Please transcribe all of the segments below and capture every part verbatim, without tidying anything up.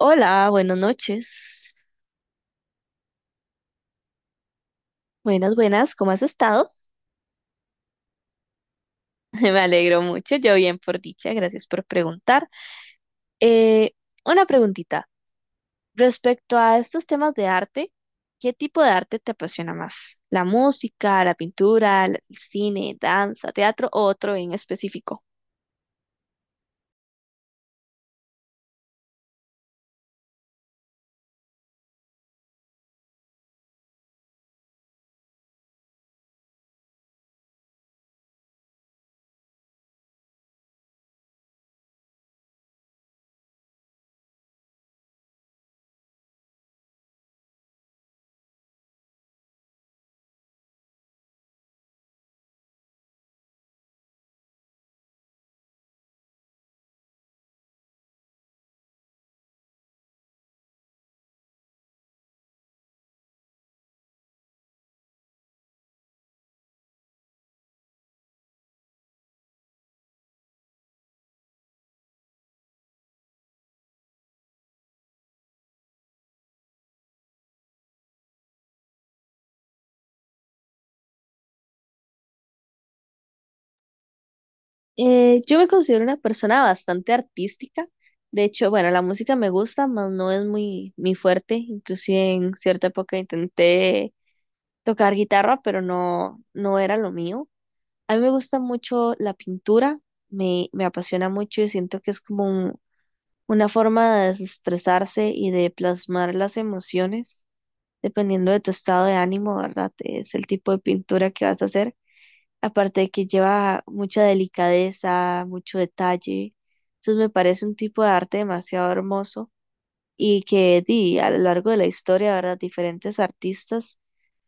Hola, buenas noches. Buenas, buenas, ¿cómo has estado? Me alegro mucho, yo bien por dicha, gracias por preguntar. Eh, una preguntita, respecto a estos temas de arte, ¿qué tipo de arte te apasiona más? ¿La música, la pintura, el cine, danza, teatro o otro en específico? Eh, yo me considero una persona bastante artística. De hecho, bueno, la música me gusta, mas no es muy, muy fuerte. Inclusive en cierta época intenté tocar guitarra, pero no, no era lo mío. A mí me gusta mucho la pintura, me, me apasiona mucho y siento que es como un- una forma de desestresarse y de plasmar las emociones, dependiendo de tu estado de ánimo, ¿verdad? Es el tipo de pintura que vas a hacer. Aparte de que lleva mucha delicadeza, mucho detalle. Entonces me parece un tipo de arte demasiado hermoso y que di, a lo largo de la historia, ¿verdad? Diferentes artistas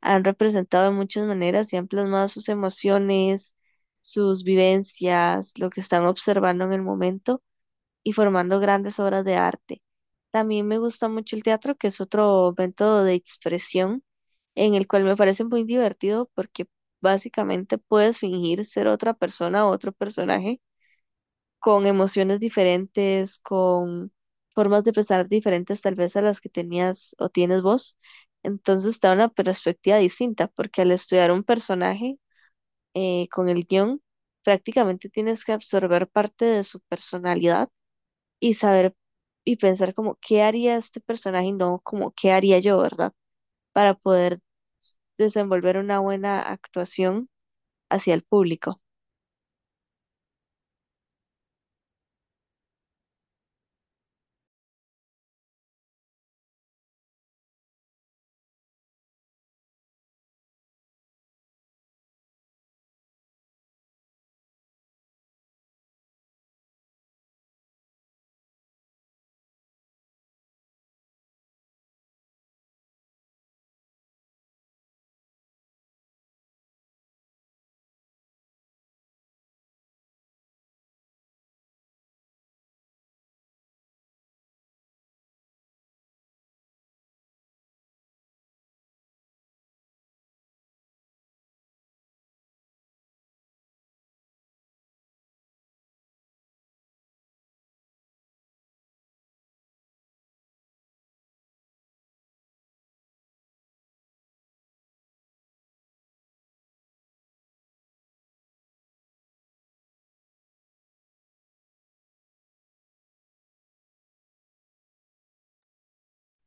han representado de muchas maneras y han plasmado sus emociones, sus vivencias, lo que están observando en el momento y formando grandes obras de arte. También me gusta mucho el teatro, que es otro método de expresión en el cual me parece muy divertido porque básicamente puedes fingir ser otra persona o otro personaje con emociones diferentes, con formas de pensar diferentes tal vez a las que tenías o tienes vos. Entonces te da una perspectiva distinta, porque al estudiar un personaje eh, con el guión, prácticamente tienes que absorber parte de su personalidad y saber y pensar como qué haría este personaje y no como qué haría yo, ¿verdad? Para poder s- desenvolver una buena actuación hacia el público.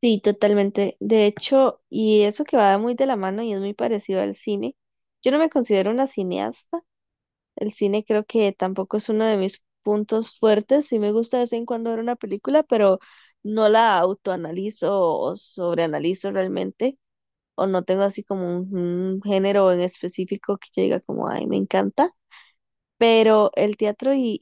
Sí, totalmente. De hecho, y eso que va muy de la mano y es muy parecido al cine, yo no me considero una cineasta. El cine creo que tampoco es uno de mis puntos fuertes. Sí me gusta de vez en cuando ver una película, pero no la autoanalizo o sobreanalizo realmente, o no tengo así como un, un género en específico que yo diga como, ay, me encanta. Pero el teatro y,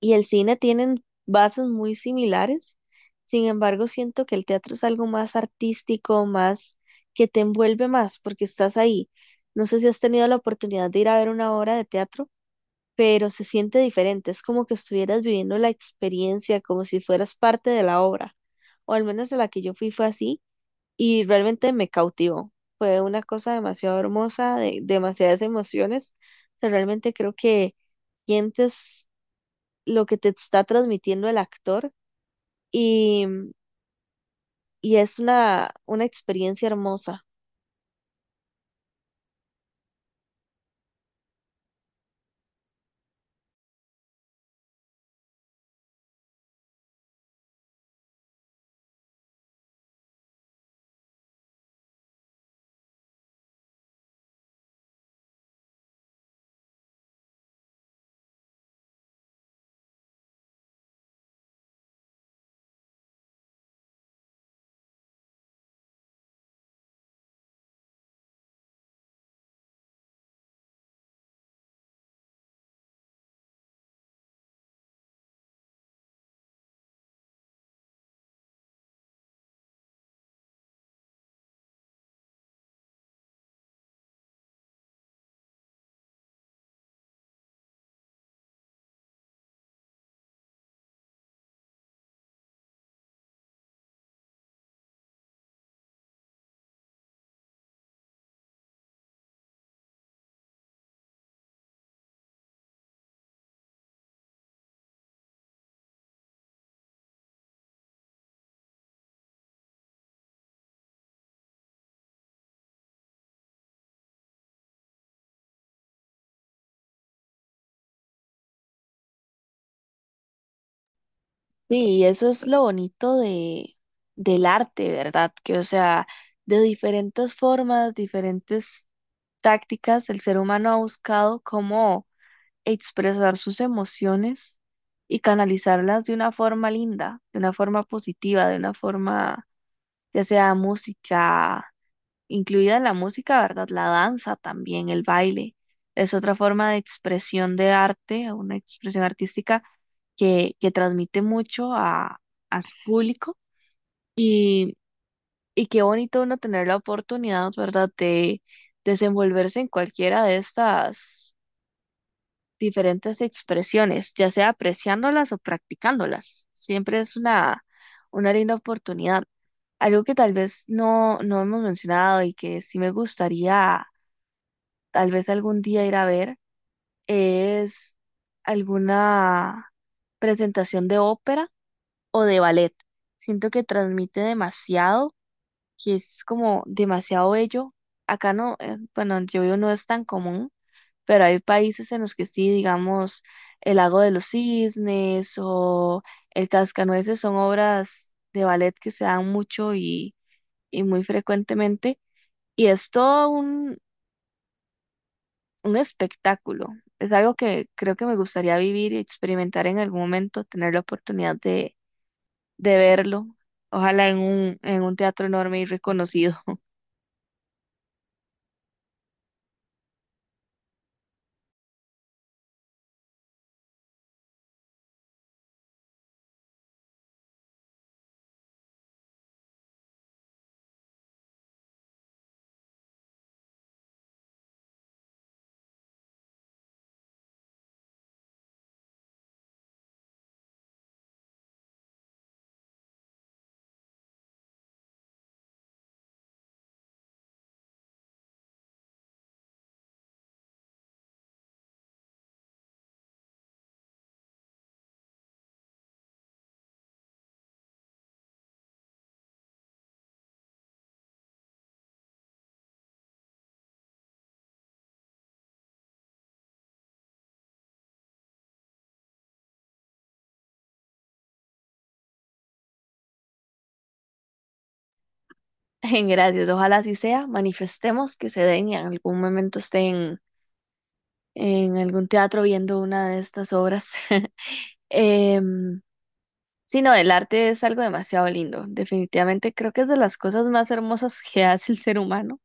y el cine tienen bases muy similares. Sin embargo, siento que el teatro es algo más artístico, más que te envuelve más porque estás ahí. No sé si has tenido la oportunidad de ir a ver una obra de teatro, pero se siente diferente. Es como que estuvieras viviendo la experiencia, como si fueras parte de la obra. O al menos de la que yo fui fue así y realmente me cautivó. Fue una cosa demasiado hermosa, de demasiadas emociones. O sea, realmente creo que sientes lo que te está transmitiendo el actor y, y es una, una experiencia hermosa. Sí, y eso es lo bonito de, del arte, ¿verdad? Que, o sea, de diferentes formas, diferentes tácticas, el ser humano ha buscado cómo expresar sus emociones y canalizarlas de una forma linda, de una forma positiva, de una forma, ya sea música, incluida la música, ¿verdad? La danza también, el baile. Es otra forma de expresión de arte, una expresión artística que, que transmite mucho a, a su público y, y qué bonito uno tener la oportunidad, ¿verdad?, de desenvolverse en cualquiera de estas diferentes expresiones, ya sea apreciándolas o practicándolas. Siempre es una, una linda oportunidad. Algo que tal vez no, no hemos mencionado y que sí me gustaría tal vez algún día ir a ver, es alguna presentación de ópera o de ballet. Siento que transmite demasiado, que es como demasiado bello. Acá no, eh, bueno, yo vivo no es tan común, pero hay países en los que sí, digamos, el Lago de los Cisnes o el Cascanueces son obras de ballet que se dan mucho y, y muy frecuentemente. Y es todo un espectáculo. Es algo que creo que me gustaría vivir y experimentar en algún momento, tener la oportunidad de, de verlo. Ojalá en un, en un teatro enorme y reconocido. En gracias, ojalá así sea. Manifestemos que se den y en algún momento estén en algún teatro viendo una de estas obras. Em, sí, no, el arte es algo demasiado lindo. Definitivamente creo que es de las cosas más hermosas que hace el ser humano,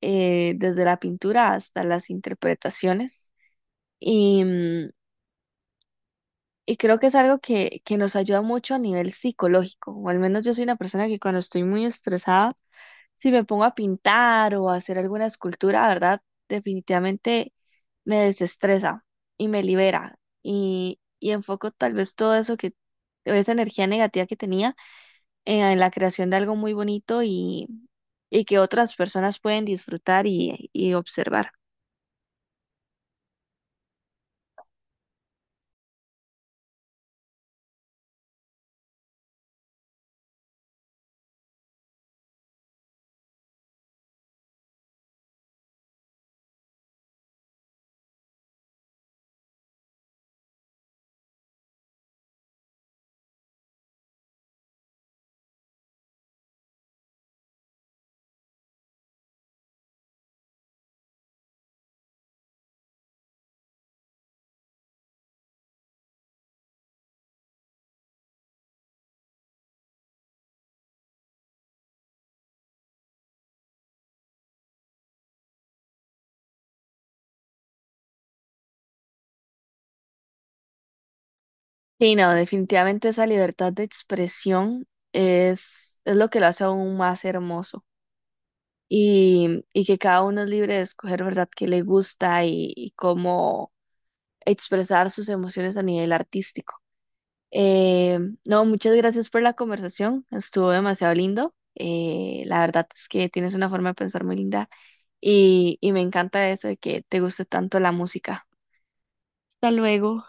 eh, desde la pintura hasta las interpretaciones. Y, mm, y creo que es algo que, que nos ayuda mucho a nivel psicológico, o al menos yo soy una persona que cuando estoy muy estresada, si me pongo a pintar o a hacer alguna escultura, ¿verdad? Definitivamente me desestresa y me libera y, y enfoco tal vez todo eso que, esa energía negativa que tenía en, en la creación de algo muy bonito y, y que otras personas pueden disfrutar y, y observar. Sí, no, definitivamente esa libertad de expresión es, es lo que lo hace aún más hermoso y, y que cada uno es libre de escoger, ¿verdad?, qué le gusta y, y cómo expresar sus emociones a nivel artístico. Eh, no, muchas gracias por la conversación, estuvo demasiado lindo. Eh, la verdad es que tienes una forma de pensar muy linda y, y me encanta eso de que te guste tanto la música. Hasta luego.